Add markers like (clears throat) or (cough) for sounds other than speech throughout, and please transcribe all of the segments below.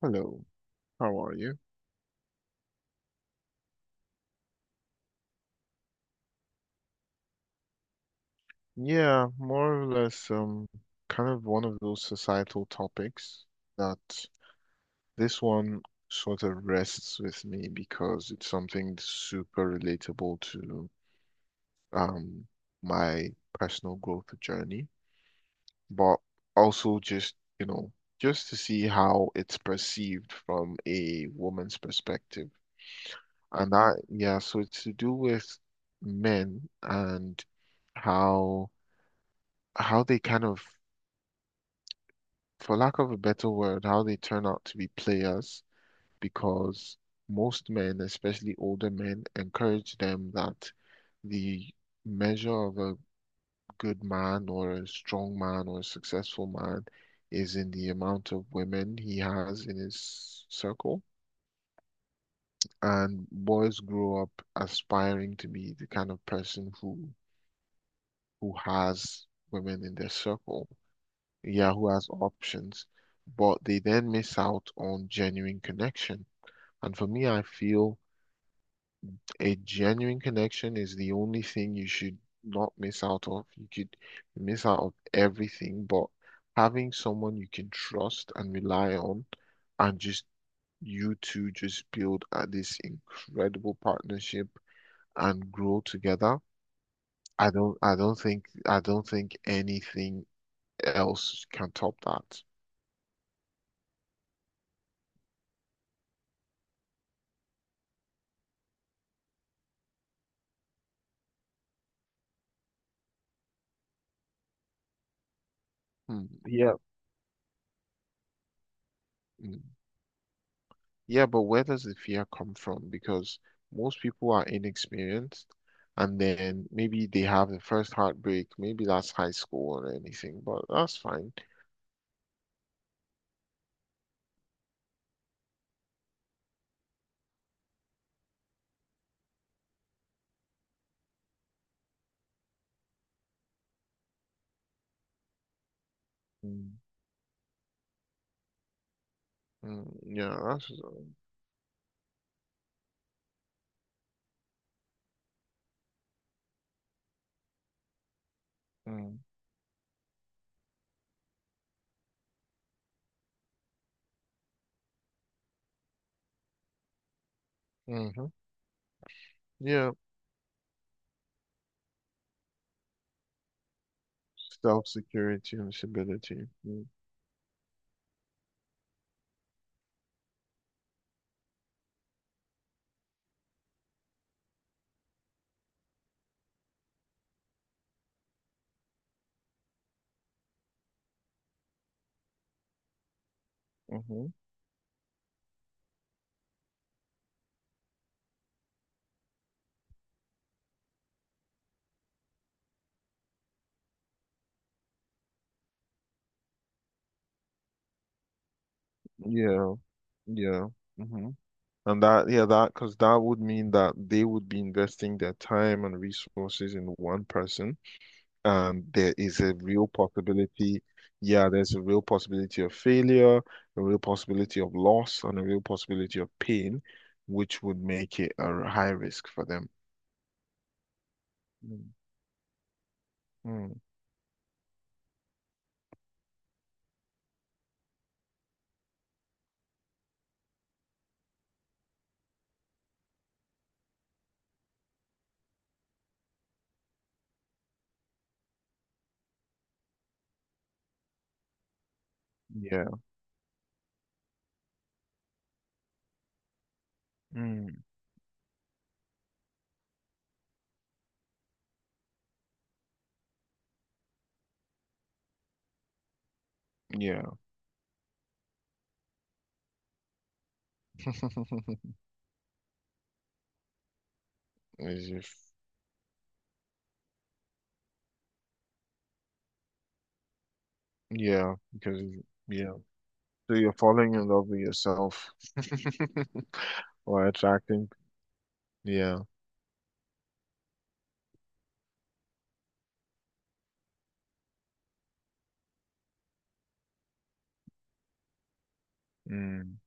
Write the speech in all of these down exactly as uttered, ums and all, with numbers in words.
Hello, how are you? Yeah, more or less, um, kind of one of those societal topics that this one sort of rests with me because it's something super relatable to um my personal growth journey, but also just, you know, just to see how it's perceived from a woman's perspective. And that, yeah, so it's to do with men and how how they kind of for lack of a better word, how they turn out to be players because most men, especially older men, encourage them that the measure of a good man or a strong man or a successful man is in the amount of women he has in his circle. And boys grow up aspiring to be the kind of person who who has women in their circle, yeah, who has options, but they then miss out on genuine connection. And for me, I feel a genuine connection is the only thing you should not miss out of. You could miss out of everything, but having someone you can trust and rely on and just you two just build uh, this incredible partnership and grow together. I don't I don't think I don't think anything else can top that. Hmm. Yeah. Yeah, but where does the fear come from? Because most people are inexperienced and then maybe they have the first heartbreak. Maybe that's high school or anything, but that's fine. Mm, mm. Yeah, that's. Mm, hmm. Yeah, self-security and stability. Mm, mhm. Yeah, yeah. Hmm. And that, yeah, that, because that would mean that they would be investing their time and resources in one person, um, there is a real possibility. Yeah, there's a real possibility of failure, a real possibility of loss, and a real possibility of pain, which would make it a high risk for them. Mm, mm, yeah. Mm, yeah. (laughs) As if, yeah, because, yeah. So you're falling in love with yourself (laughs) or attracting. Yeah. Mm,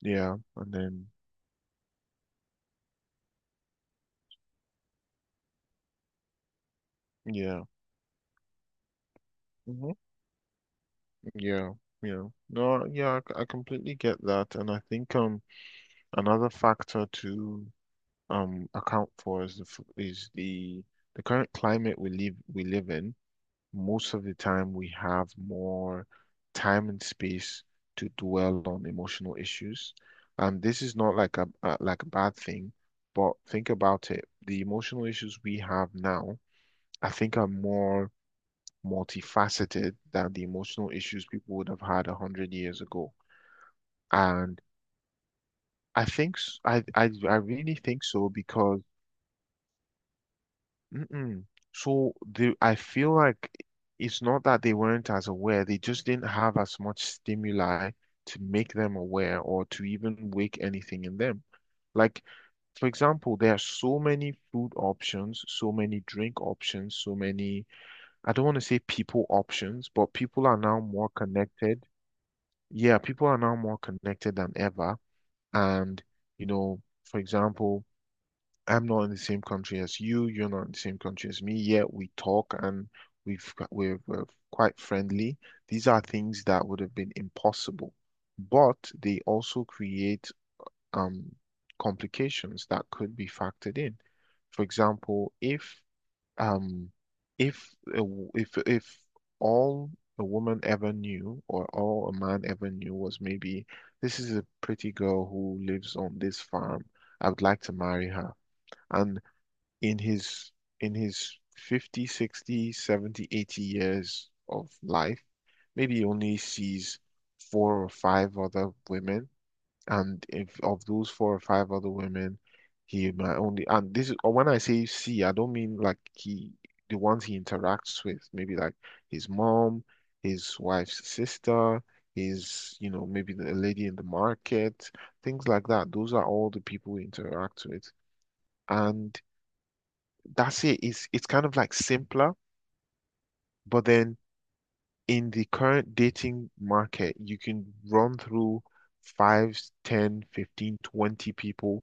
yeah. And then, yeah. Mhm. Yeah, yeah. No, yeah, I, c- I completely get that, and I think um another factor to um account for is the f- is the the current climate we live we live in. Most of the time, we have more time and space to dwell on emotional issues, and this is not like a, a like a bad thing, but think about it. The emotional issues we have now, I think, are more multifaceted than the emotional issues people would have had a hundred years ago. And I think s- I I, I really think so, because. Mm-mm. So the I feel like it's not that they weren't as aware, they just didn't have as much stimuli to make them aware or to even wake anything in them. Like, for example, there are so many food options, so many drink options, so many, I don't want to say people options, but people are now more connected. Yeah, people are now more connected than ever. And, you know, for example, I'm not in the same country as you. You're not in the same country as me. Yet we talk, and we've got, we're, we're quite friendly. These are things that would have been impossible, but they also create um, complications that could be factored in. For example, if um, if a w- if if all a woman ever knew or all a man ever knew was maybe this is a pretty girl who lives on this farm. I would like to marry her. And in his in his fifty, sixty, seventy, eighty years of life, maybe he only sees four or five other women, and if of those four or five other women, he might only, and this is, or when I say see, I don't mean like he, the ones he interacts with, maybe like his mom, his wife's sister, his, you know, maybe the a lady in the market, things like that. Those are all the people he interacts with. And that's it. It's it's kind of like simpler, but then in the current dating market, you can run through five, ten, fifteen, twenty people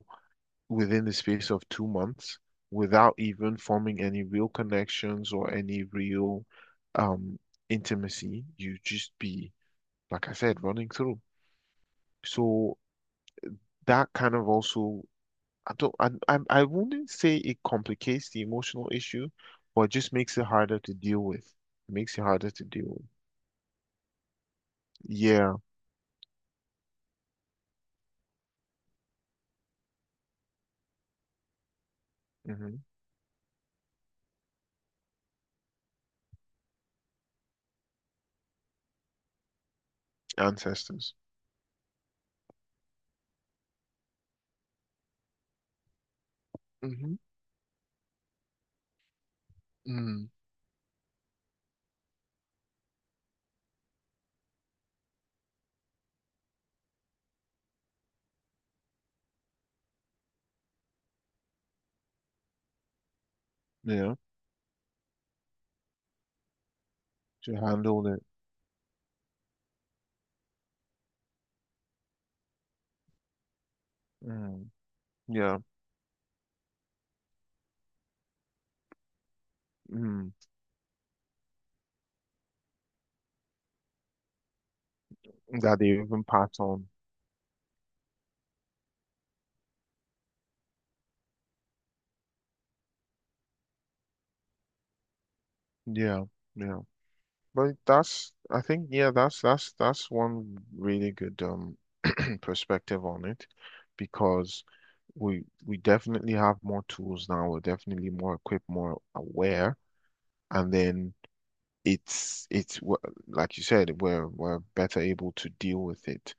within the space of two months without even forming any real connections or any real um intimacy. You just be, like I said, running through. So that kind of also I don't, I, I, I wouldn't say it complicates the emotional issue, but it just makes it harder to deal with. It makes it harder to deal with. Yeah. Hmm. Ancestors. Hmm. Mm. Yeah. To handle it. Mm. Yeah. Mm. That they even pass on. Yeah. Yeah. But that's, I think, yeah, that's, that's, that's one really good, um, (clears throat) perspective on it because we, we definitely have more tools now. We're definitely more equipped, more aware, and then, it's it's w- like you said, we're we're better able to deal with it.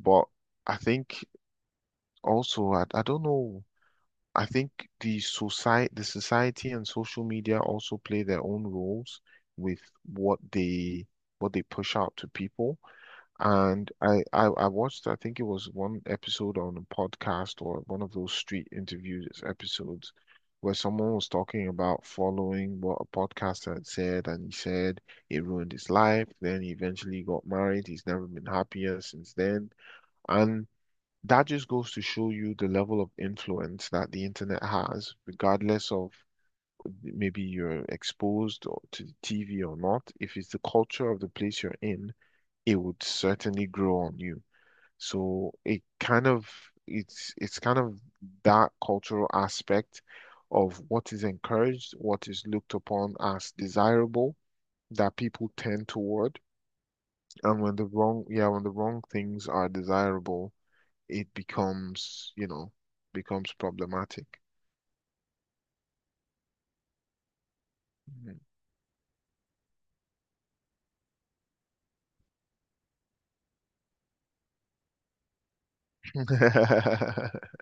But I think also I, I don't know. I think the society, the society and social media also play their own roles with what they what they push out to people. And I, I, I watched, I think it was one episode on a podcast or one of those street interviews episodes where someone was talking about following what a podcaster had said, and he said it ruined his life. Then he eventually got married. He's never been happier since then. And that just goes to show you the level of influence that the internet has, regardless of maybe you're exposed or to the T V or not. If it's the culture of the place you're in, it would certainly grow on you. So it kind of it's it's kind of that cultural aspect of what is encouraged, what is looked upon as desirable, that people tend toward. And, when the wrong, yeah, when the wrong things are desirable, it becomes, you know, becomes problematic. Mhm. (laughs)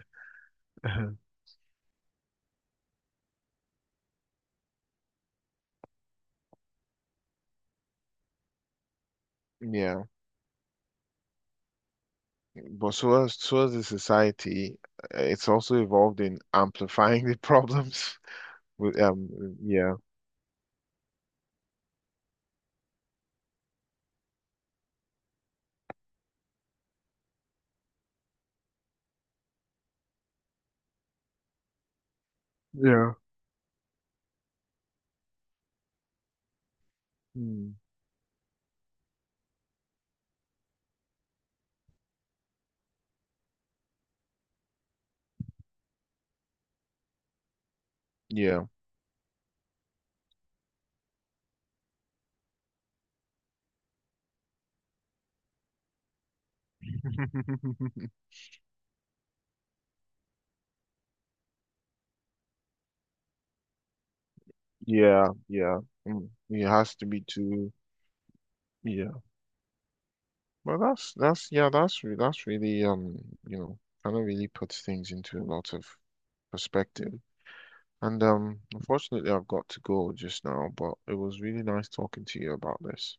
Yeah, but so as so as a society, uh, it's also involved in amplifying the problems (laughs) with, um yeah, yeah. Yeah. (laughs) Yeah, yeah. Mm. It has to be too. Yeah. Well, that's that's yeah, that's re that's really um, you know, kind of really puts things into a lot of perspective. And um, unfortunately, I've got to go just now, but it was really nice talking to you about this.